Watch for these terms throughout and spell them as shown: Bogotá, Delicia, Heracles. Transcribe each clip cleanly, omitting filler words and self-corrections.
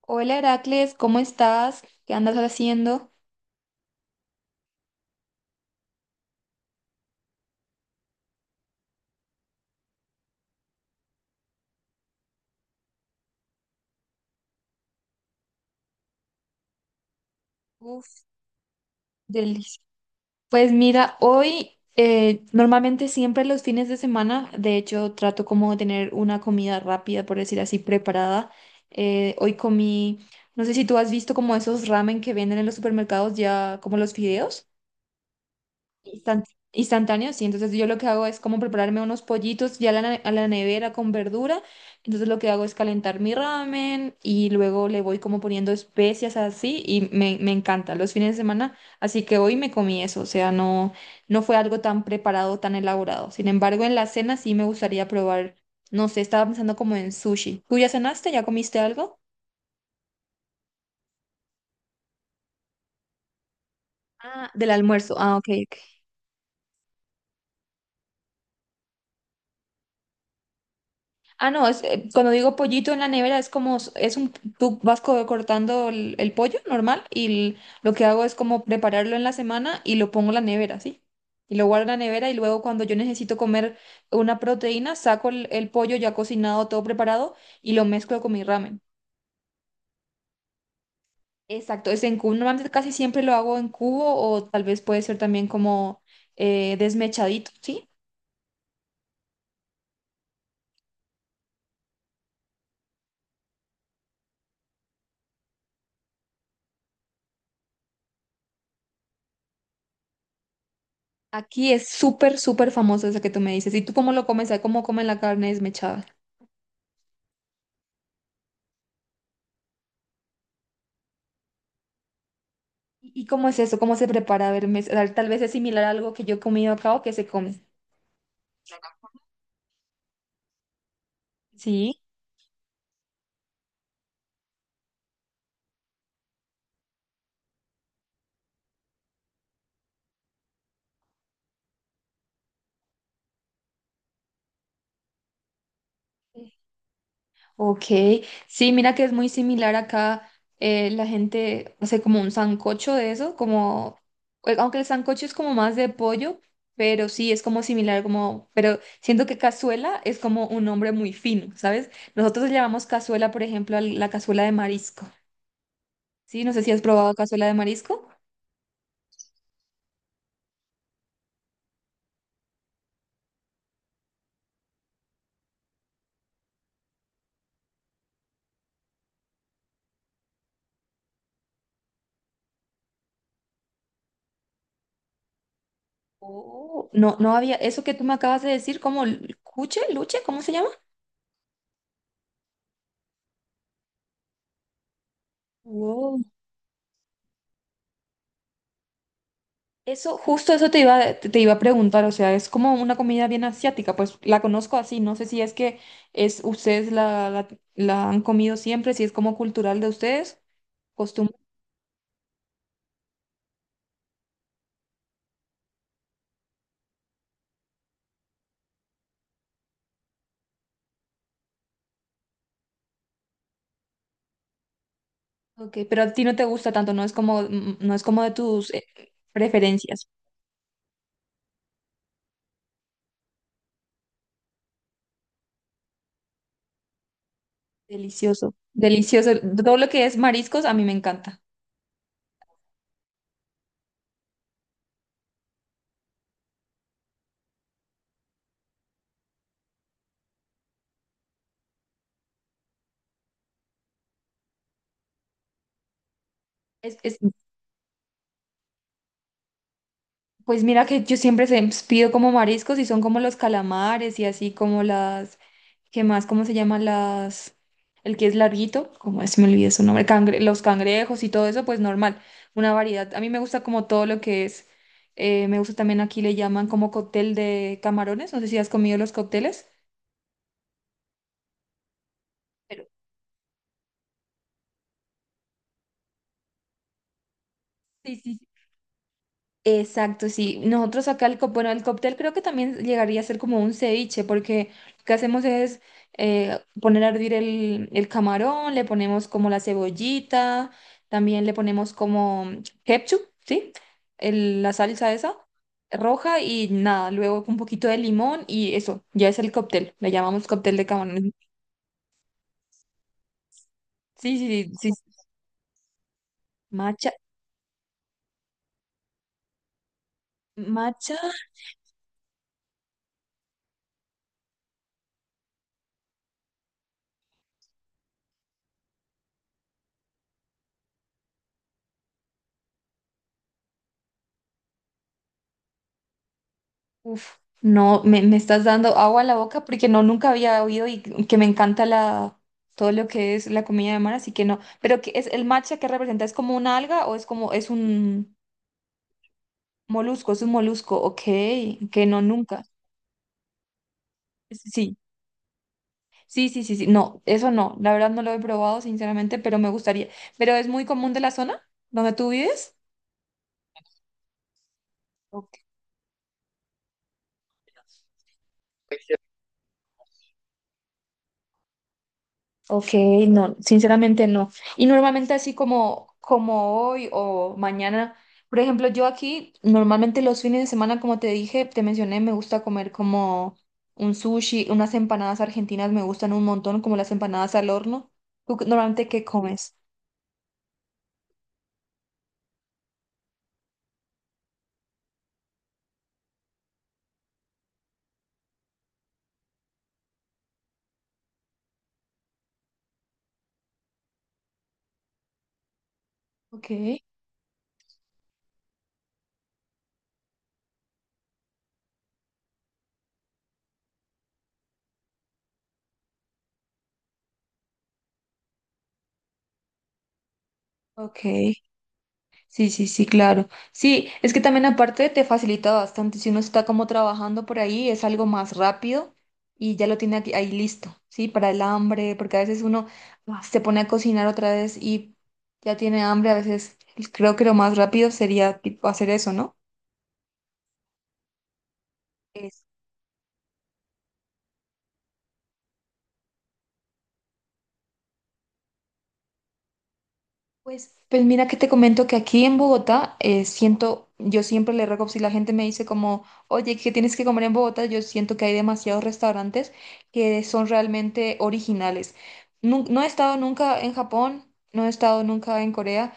Hola Heracles, ¿cómo estás? ¿Qué andas haciendo? Uf, delicia. Pues mira, hoy normalmente siempre los fines de semana, de hecho trato como de tener una comida rápida, por decir así, preparada. Hoy comí, no sé si tú has visto como esos ramen que venden en los supermercados ya, como los fideos. Instant- Instantáneo, sí. Entonces yo lo que hago es como prepararme unos pollitos ya a la, a la nevera con verdura. Entonces lo que hago es calentar mi ramen y luego le voy como poniendo especias así y me encanta los fines de semana. Así que hoy me comí eso, o sea, no fue algo tan preparado, tan elaborado. Sin embargo, en la cena sí me gustaría probar, no sé, estaba pensando como en sushi. ¿Tú ya cenaste? ¿Ya comiste algo? Ah, del almuerzo. Ah, ok, ok. Ah, no, cuando digo pollito en la nevera es como, es un, tú vas cortando el pollo normal y lo que hago es como prepararlo en la semana y lo pongo en la nevera, ¿sí? Y lo guardo en la nevera y luego cuando yo necesito comer una proteína, saco el pollo ya cocinado, todo preparado y lo mezclo con mi ramen. Exacto, es en cubo. Normalmente casi siempre lo hago en cubo o tal vez puede ser también como desmechadito, ¿sí? Aquí es súper, súper famoso eso que tú me dices. ¿Y tú cómo lo comes? ¿Cómo comen la carne desmechada? ¿Y cómo es eso? ¿Cómo se prepara? A ver, tal vez es similar a algo que yo he comido acá o que se come. Sí. Ok, sí, mira que es muy similar acá. Eh, la gente hace como un sancocho de eso, como, aunque el sancocho es como más de pollo, pero sí es como similar, como, pero siento que cazuela es como un nombre muy fino, ¿sabes? Nosotros le llamamos cazuela, por ejemplo, a la cazuela de marisco. Sí, no sé si has probado cazuela de marisco. Oh, no, no había, eso que tú me acabas de decir, ¿cómo? ¿Cuche? ¿Luche? ¿Cómo se llama? Wow. Eso, justo eso te iba a preguntar, o sea, es como una comida bien asiática, pues la conozco así, no sé si es que es, la, la han comido siempre, si es como cultural de ustedes, costumbre, ok, pero a ti no te gusta tanto, no es como, mm, no es como de tus preferencias. Delicioso, delicioso, todo lo que es mariscos a mí me encanta. Es pues mira que yo pues, pido como mariscos y son como los calamares y así como las, ¿qué más? ¿Cómo se llaman las? El que es larguito, como se me olvidó su nombre, los cangrejos y todo eso, pues normal, una variedad. A mí me gusta como todo lo que es, me gusta también aquí le llaman como cóctel de camarones, no sé si has comido los cócteles. Pero- Sí, sí, sí. Exacto, sí. Nosotros acá bueno, el cóctel creo que también llegaría a ser como un ceviche, porque lo que hacemos es poner a hervir el camarón, le ponemos como la cebollita, también le ponemos como ketchup, ¿sí? La salsa esa roja y nada, luego un poquito de limón y eso, ya es el cóctel, le llamamos cóctel de camarón. Sí, sí, sí, sí, sí. Macha, macha. Uf, no, me estás dando agua a la boca porque no, nunca había oído y que me encanta la, todo lo que es la comida de mar, así que no. Pero ¿qué es el matcha que representa? ¿Es como una alga o es como, es un molusco? Es un molusco, ok, que no, nunca. Sí, sí, sí, sí, sí, no, eso no, la verdad no lo he probado sinceramente, pero me gustaría. ¿Pero es muy común de la zona donde tú vives? Ok, no, sinceramente no. Y normalmente así como, como hoy o mañana, por ejemplo, yo aquí normalmente los fines de semana, como te dije, te mencioné, me gusta comer como un sushi, unas empanadas argentinas me gustan un montón, como las empanadas al horno. ¿Tú normalmente qué comes? Ok, ok. Sí, sí, sí, claro. Sí, es que también aparte te facilita bastante. Si uno está como trabajando por ahí, es algo más rápido y ya lo tiene aquí, ahí listo, ¿sí? Para el hambre, porque a veces uno ah, se pone a cocinar otra vez y ya tiene hambre. A veces creo que lo más rápido sería tipo, hacer eso, ¿no? Pues mira que te comento que aquí en Bogotá siento, yo siempre le ruego, si la gente me dice como, oye, ¿qué tienes que comer en Bogotá? Yo siento que hay demasiados restaurantes que son realmente originales. No he estado nunca en Japón, no he estado nunca en Corea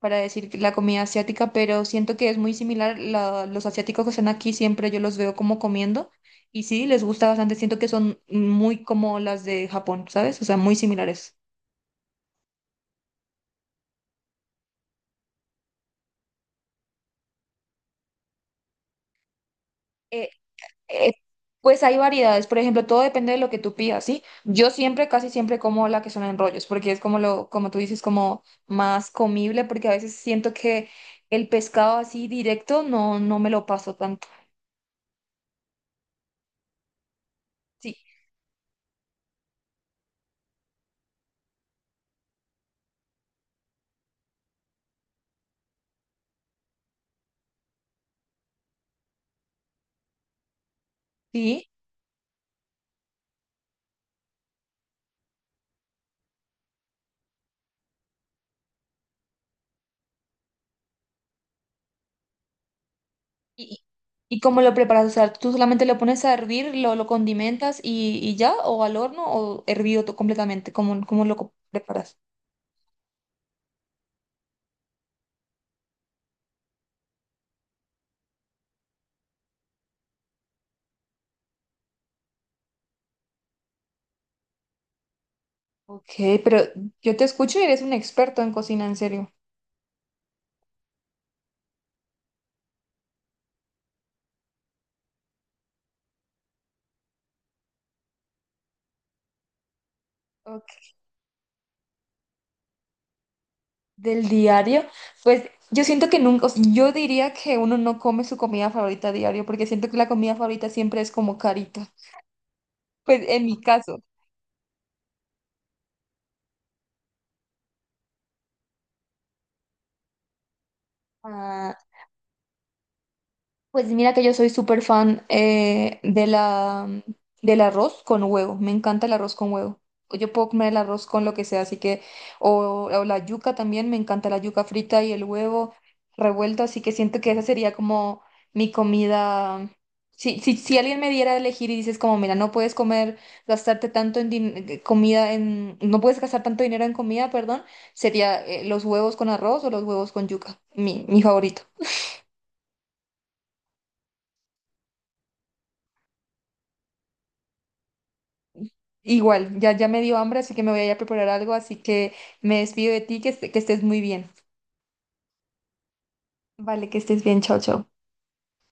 para decir que la comida asiática, pero siento que es muy similar. Los asiáticos que están aquí siempre yo los veo como comiendo y sí, les gusta bastante. Siento que son muy como las de Japón, ¿sabes? O sea, muy similares. eh, pues hay variedades, por ejemplo, todo depende de lo que tú pidas, ¿sí? Yo siempre, casi siempre como la que son en rollos, porque es como lo, como tú dices, como más comible, porque a veces siento que el pescado así directo no me lo paso tanto. Sí, sí. Y, y cómo lo preparas, o sea, tú solamente lo pones a hervir, lo condimentas y ya, o al horno, o hervido completamente, ¿cómo, cómo preparas? Ok, pero yo te escucho y eres un experto en cocina, en serio. Ok. Del diario, pues yo siento que nunca, o sea, yo diría que uno no come su comida favorita a diario, porque siento que la comida favorita siempre es como carita. Pues en mi caso, ah, pues mira que yo soy súper fan de la, del arroz con huevo. Me encanta el arroz con huevo. Yo puedo comer el arroz con lo que sea, así que, o la yuca también, me encanta la yuca frita y el huevo revuelto, así que siento que esa sería como mi comida. Si, si, si alguien me diera a elegir y dices como, mira, no puedes comer, gastarte tanto en comida, en, no puedes gastar tanto dinero en comida, perdón, sería los huevos con arroz o los huevos con yuca, mi favorito. Igual, ya, ya me dio hambre, así que me voy a ir a preparar algo, así que me despido de ti, que, que estés muy bien. Vale, que estés bien, chao, chao.